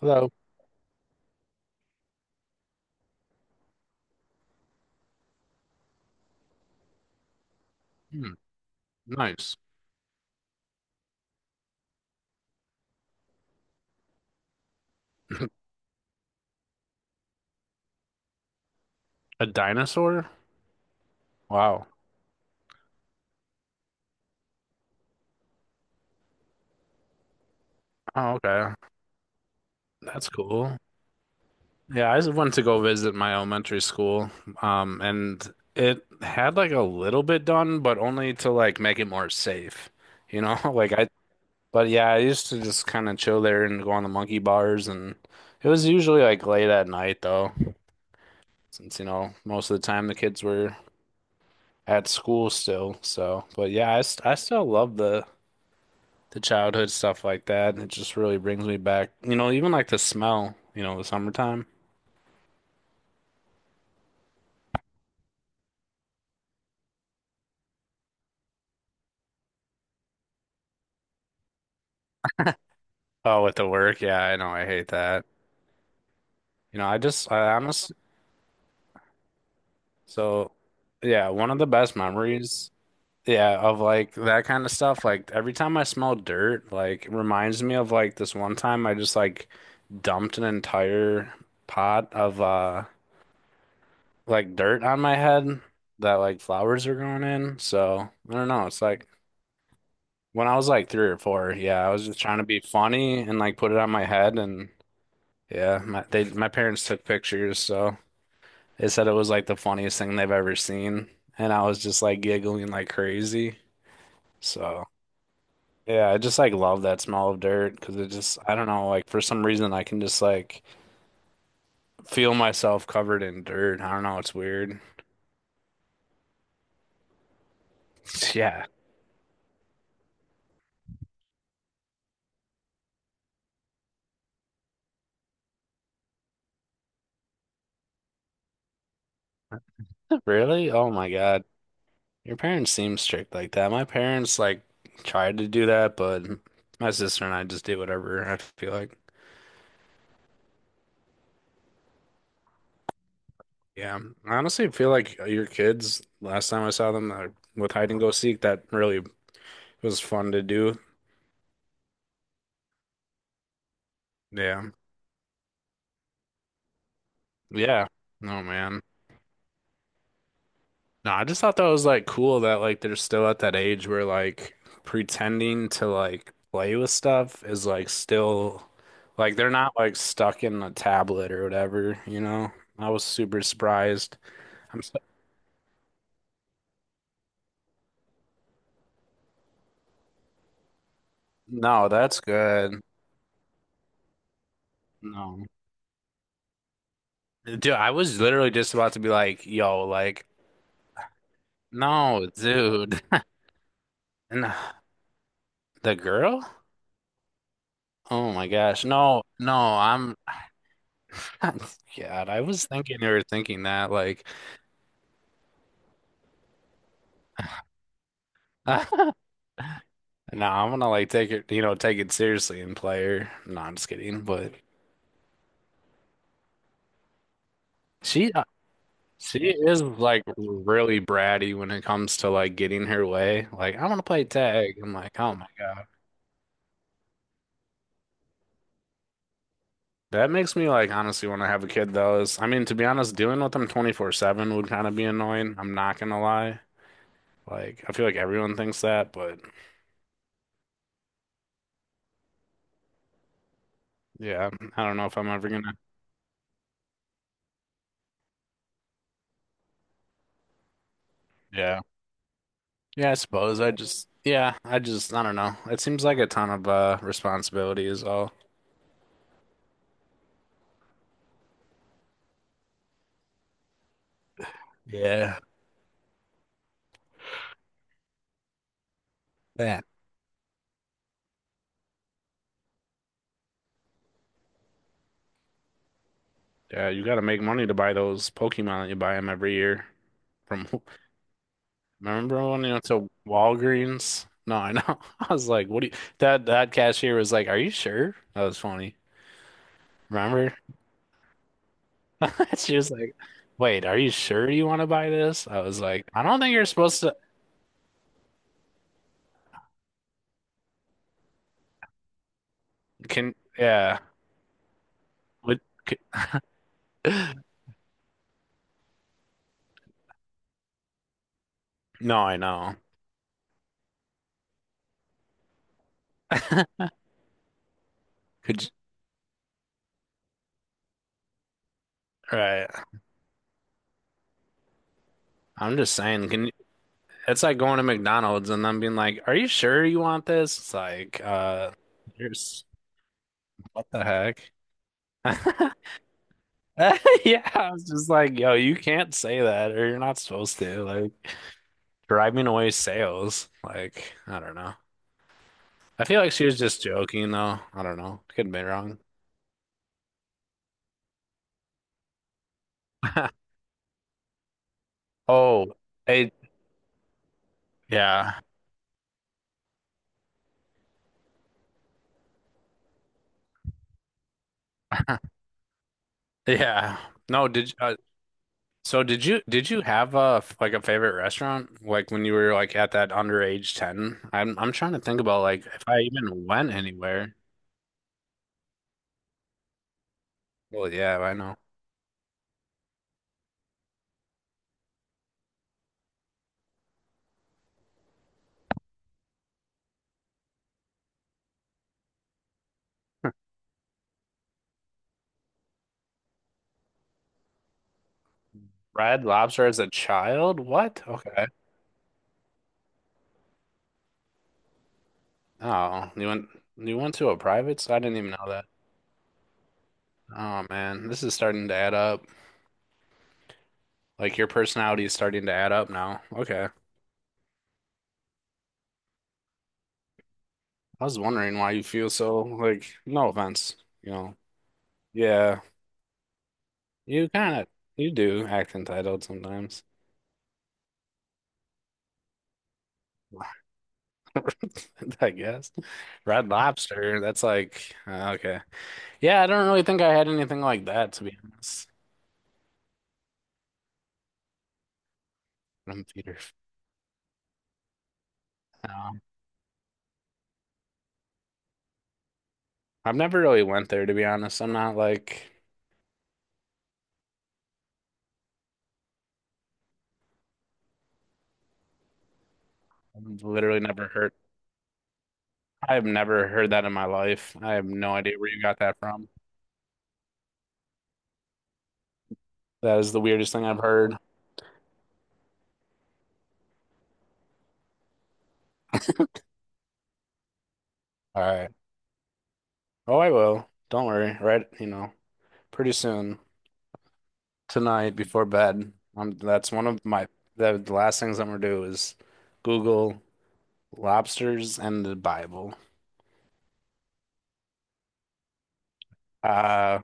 Hello. Hmm, nice. A dinosaur? Wow. Oh, okay. That's cool. Yeah, I just went to go visit my elementary school, and it had like a little bit done, but only to like make it more safe, you know? Like I, but yeah, I used to just kind of chill there and go on the monkey bars, and it was usually like late at night though, since you know most of the time the kids were at school still. So, but yeah, I still love the childhood stuff like that. And it just really brings me back, you know, even like the smell, you know, the summertime. Oh, with the work. Yeah, I know. I hate that. You know, I honestly, so yeah, one of the best memories, yeah, of like that kind of stuff. Like every time I smell dirt, like it reminds me of like this one time I just like dumped an entire pot of like dirt on my head that like flowers are growing in. So I don't know. It's like, when I was like three or four, yeah, I was just trying to be funny and like put it on my head, and yeah, my parents took pictures, so they said it was like the funniest thing they've ever seen, and I was just like giggling like crazy. So yeah, I just like love that smell of dirt because it just I don't know like for some reason I can just like feel myself covered in dirt. I don't know, it's weird. Yeah, really? Oh my God. Your parents seem strict like that. My parents like tried to do that, but my sister and I just did whatever I feel like. Yeah, I honestly feel like your kids, last time I saw them with hide and go seek, that really was fun to do. Yeah. Yeah. Oh man. No, I just thought that was like cool that like they're still at that age where like pretending to like play with stuff is like still like they're not like stuck in a tablet or whatever, you know? I was super surprised. I'm so no, that's good. No. Dude, I was literally just about to be like, yo, like, no, dude. No. The girl? Oh my gosh. No, no, I'm God, I was thinking you were thinking that like no, I'm gonna like take it, you know, take it seriously and play her. No, I'm just kidding, but she uh, she is like really bratty when it comes to like getting her way. Like, I want to play tag. I'm like, oh my God. That makes me like honestly want to have a kid though. Is I mean, to be honest, dealing with them 24/7 would kind of be annoying. I'm not gonna lie. Like I feel like everyone thinks that, but yeah, I don't know if I'm ever gonna. Yeah. Yeah, I suppose I just yeah, I don't know. It seems like a ton of responsibility is all. Yeah, yeah, yeah, you got to make money to buy those Pokemon that you buy them every year from remember when you went to Walgreens? No, I know. I was like, what do you that cashier was like, "Are you sure?" That was funny. Remember? She was like, "Wait, are you sure you want to buy this?" I was like, "I don't think you're supposed to." Can yeah? Would could, no, I know. Could you- right? I'm just saying. Can you, it's like going to McDonald's and them being like, "Are you sure you want this?" It's like, there's what the heck? Yeah, I was just like, "Yo, you can't say that, or you're not supposed to." Like driving away sales. Like I don't know. I feel like she was just joking, though. I don't know. Could be wrong. Oh, it, yeah, yeah. No, did so did you have a like a favorite restaurant like when you were like at that underage 10? I'm trying to think about like if I even went anywhere. Well, yeah, I know. Red Lobster as a child? What? Okay. Oh, you went to a private? So I didn't even know that. Oh man, this is starting to add up. Like your personality is starting to add up now. Okay. I was wondering why you feel so like no offense, you know. Yeah. You kind of you do act entitled sometimes. I guess. Red Lobster, that's like okay. Yeah, I don't really think I had anything like that to be honest. From Peter. No. I've never really went there to be honest. I'm not like I've literally never heard I've never heard that in my life. I have no idea where you got that from. That is the weirdest thing I've heard. All right. Oh, I will. Don't worry. Right, you know, pretty soon. Tonight before bed. That's one of my the last things I'm gonna do is Google lobsters and the Bible. Uh,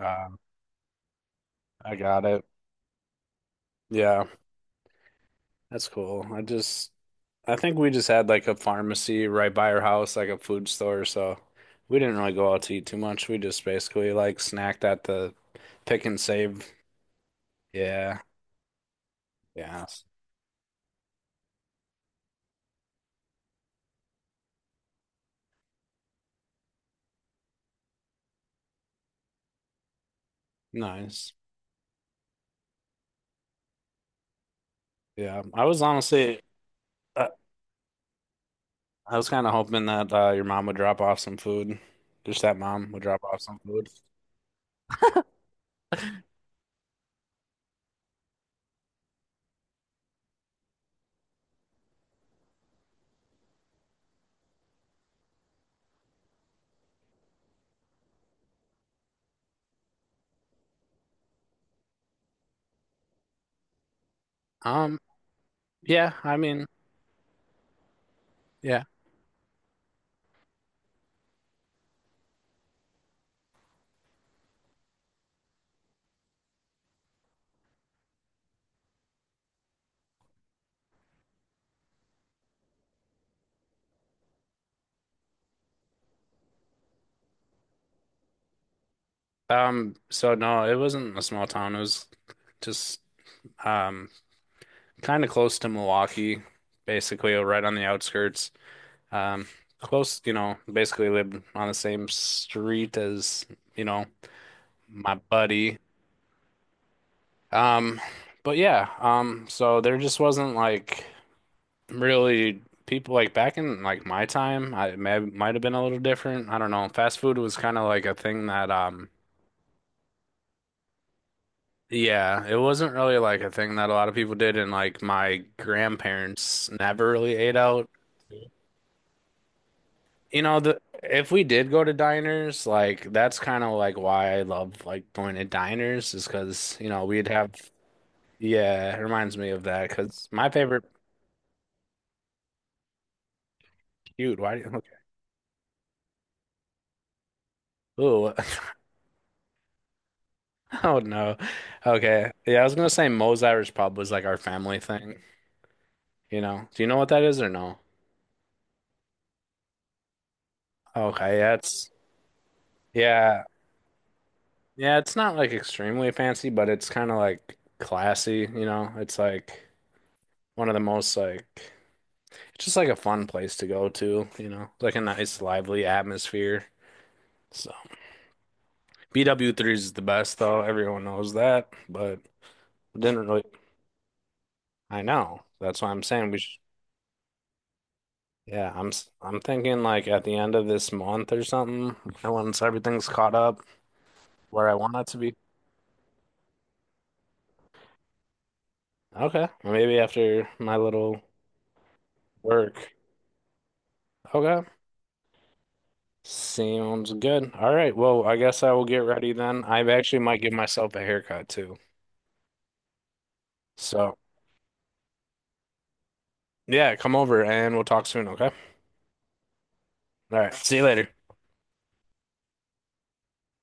uh, I got it. Yeah, that's cool. I just I think we just had like a pharmacy right by our house, like a food store, so we didn't really go out to eat too much. We just basically like snacked at the pick and save. Yeah, yeah, nice. Yeah, I was honestly. uh, I was kind of hoping that your mom would drop off some food. Just that mom would drop off some food. Um, yeah, I mean, yeah. So no, it wasn't a small town. It was just um kind of close to Milwaukee, basically right on the outskirts. Um, close, you know, basically lived on the same street as, you know, my buddy. Um, but yeah, so there just wasn't like really people like back in like my time, I it may might have been a little different. I don't know. Fast food was kind of like a thing that yeah, it wasn't really like a thing that a lot of people did and like my grandparents never really ate out. You know, the if we did go to diners, like that's kind of like why I love like going to diners is because you know, we'd have yeah, it reminds me of that. Cause my favorite cute, why do you okay. Ooh, oh no. Okay. Yeah, I was gonna say Moe's Irish Pub was like our family thing. You know? Do you know what that is or no? Okay, yeah, it's yeah. Yeah, it's not like extremely fancy, but it's kind of like classy, you know? It's like one of the most like it's just like a fun place to go to, you know? Like a nice lively atmosphere. So BW3 is the best though. Everyone knows that, but didn't really I know. That's why I'm saying we should yeah, I'm thinking like at the end of this month or something, once everything's caught up where I want it to be. Okay, maybe after my little work. Okay, sounds good. All right, well, I guess I will get ready then. I actually might give myself a haircut too. So, yeah, come over and we'll talk soon, okay? All right, see you later.